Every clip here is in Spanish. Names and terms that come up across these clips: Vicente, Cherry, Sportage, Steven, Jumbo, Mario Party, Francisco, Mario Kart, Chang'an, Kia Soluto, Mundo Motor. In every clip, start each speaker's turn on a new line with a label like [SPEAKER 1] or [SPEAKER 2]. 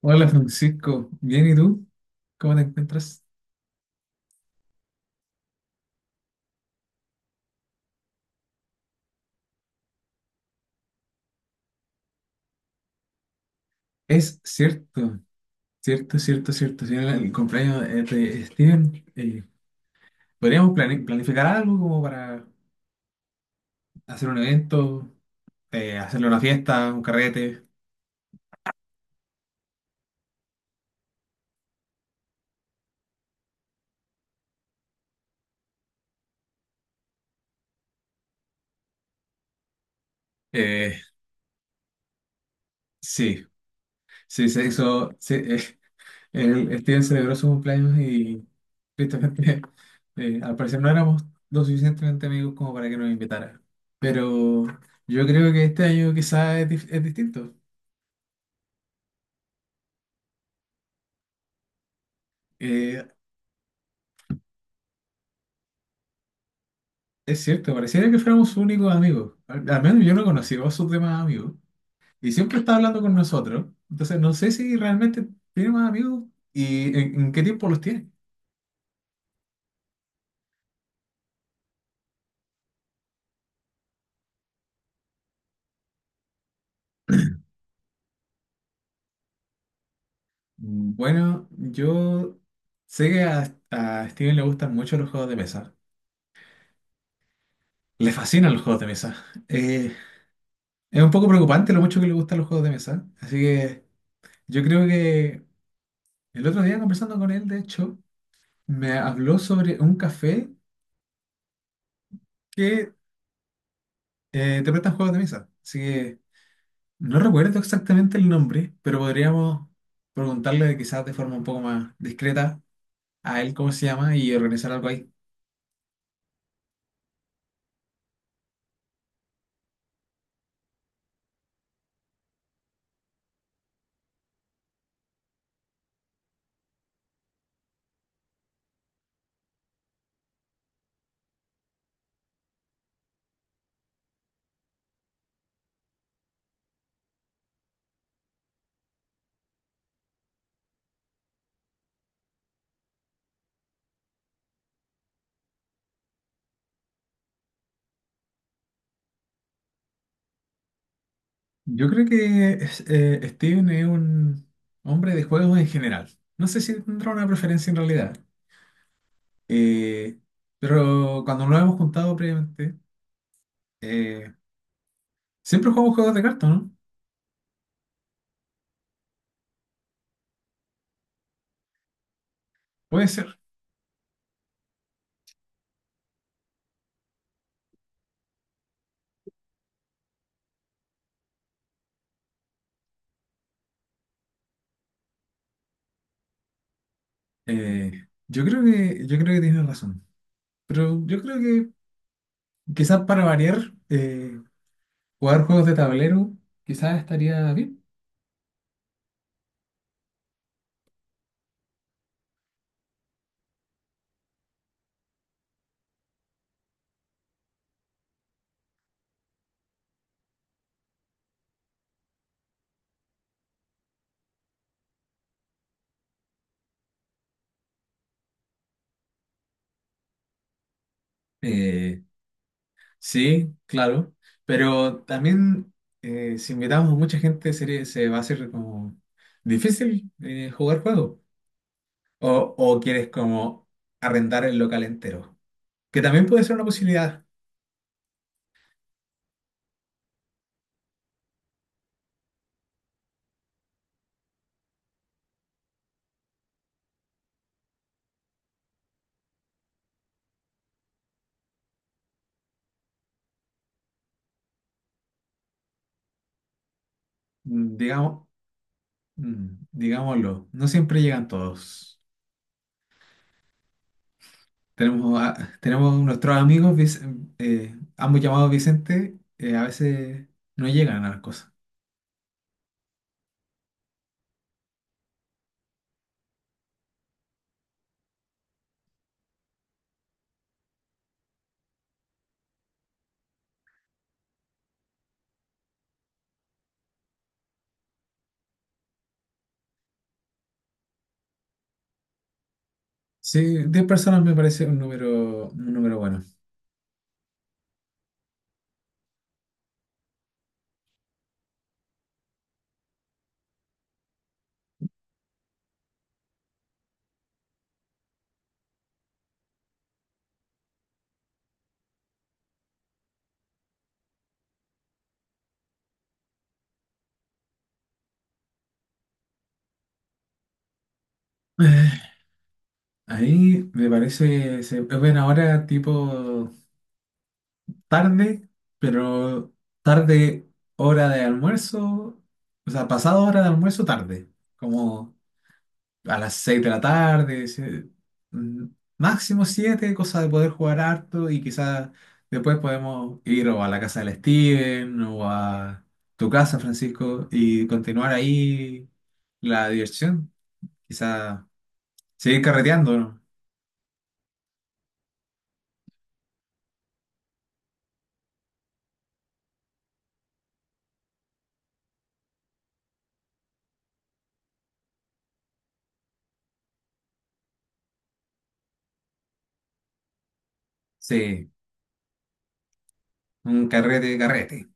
[SPEAKER 1] Hola Francisco, bien y tú, ¿cómo te encuentras? Es cierto, cierto, cierto, cierto. Si era el cumpleaños de Steven, podríamos planificar algo como para hacer un evento, hacerle una fiesta, un carrete. Eh, sí, sí, se hizo. Sí, Steven celebró su cumpleaños y tristemente, al parecer no éramos lo suficientemente amigos como para que nos invitara. Pero yo creo que este año quizás es distinto. Eh, Es cierto, pareciera que fuéramos únicos amigos. Al menos yo no conocía a sus demás amigos. Y siempre está hablando con nosotros. Entonces no sé si realmente tiene más amigos y en qué tiempo los tiene. Bueno, yo sé que a Steven le gustan mucho los juegos de mesa. Le fascinan los juegos de mesa. Eh, es un poco preocupante lo mucho que le gustan los juegos de mesa. Así que yo creo que el otro día conversando con él, de hecho, me habló sobre un café que te prestan juegos de mesa. Así que no recuerdo exactamente el nombre, pero podríamos preguntarle quizás de forma un poco más discreta a él cómo se llama y organizar algo ahí. Yo creo que Steven es un hombre de juegos en general. No sé si tendrá una preferencia en realidad. Eh, pero cuando nos hemos juntado previamente, eh, siempre jugamos juegos de cartas, ¿no? Puede ser. Yo creo que, tienes razón, pero yo creo que quizás para variar, jugar juegos de tablero quizás estaría bien. Eh, sí, claro. Pero también si invitamos a mucha gente sería, se va a hacer como difícil jugar juegos. O, o quieres como arrendar el local entero. Que también puede ser una posibilidad. Digamos, digámoslo, no siempre llegan todos. Tenemos nuestros amigos, ambos llamados Vicente, a veces no llegan a las cosas. Sí, 10 personas me parece un número bueno. Eh, ahí me parece, se ven ahora tipo tarde, pero tarde hora de almuerzo, o sea, pasado hora de almuerzo tarde, como a las 6 de la tarde, mm, máximo 7, cosa de poder jugar harto y quizás después podemos ir o a la casa del Steven o a tu casa, Francisco, y continuar ahí la diversión. Quizá seguir carreteando, ¿no? Sí, un carrete, carrete.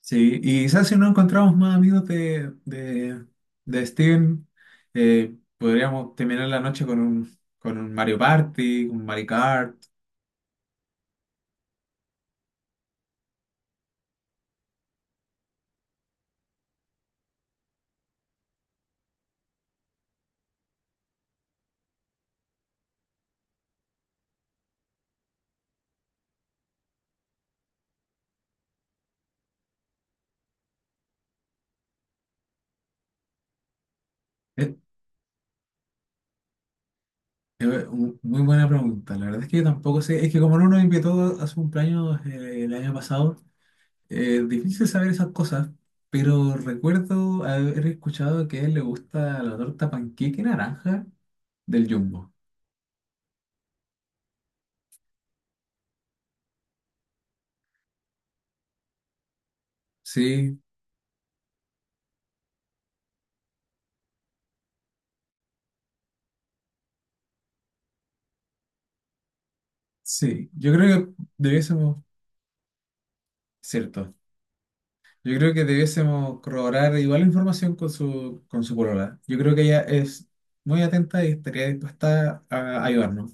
[SPEAKER 1] Sí, y quizás si no encontramos más amigos de Steven, podríamos terminar la noche con un Mario Party, un Mario Kart. Eh, muy buena pregunta, la verdad es que yo tampoco sé, es que como no nos invitó a su cumpleaños el año pasado, difícil saber esas cosas, pero recuerdo haber escuchado que a él le gusta la torta panqueque naranja del Jumbo. Sí, sí, yo creo que cierto, debiésemos corroborar igual la información con su polola. Yo creo que ella es muy atenta y estaría dispuesta a ayudarnos.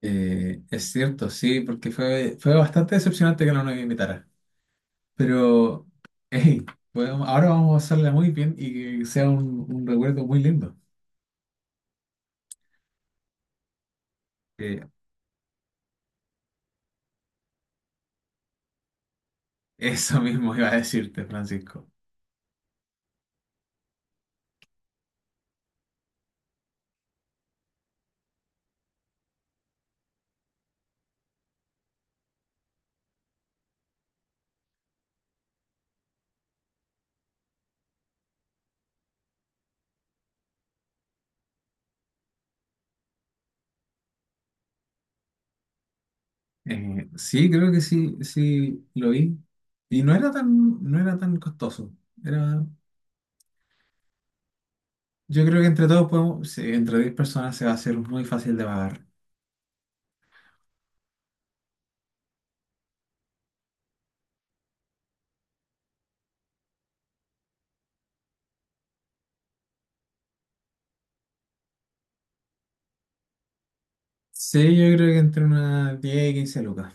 [SPEAKER 1] Es cierto, sí, porque fue bastante decepcionante que no nos invitara. Pero, hey, ahora vamos a hacerla muy bien y que sea un recuerdo muy lindo. Eh, eso mismo iba a decirte, Francisco. Sí, creo que sí, sí lo vi. Y no era tan costoso. Era, yo creo que entre todos podemos, sí, entre 10 personas se va a hacer muy fácil de pagar. Sí, yo creo que entre unas 10 y 15 lucas.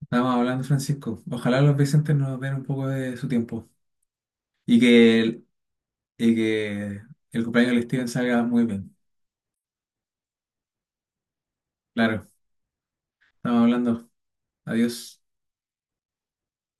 [SPEAKER 1] Estábamos hablando, Francisco. Ojalá los Vicentes nos den un poco de su tiempo. Y que el cumpleaños del Steven salga muy bien. Claro, estamos hablando. Adiós.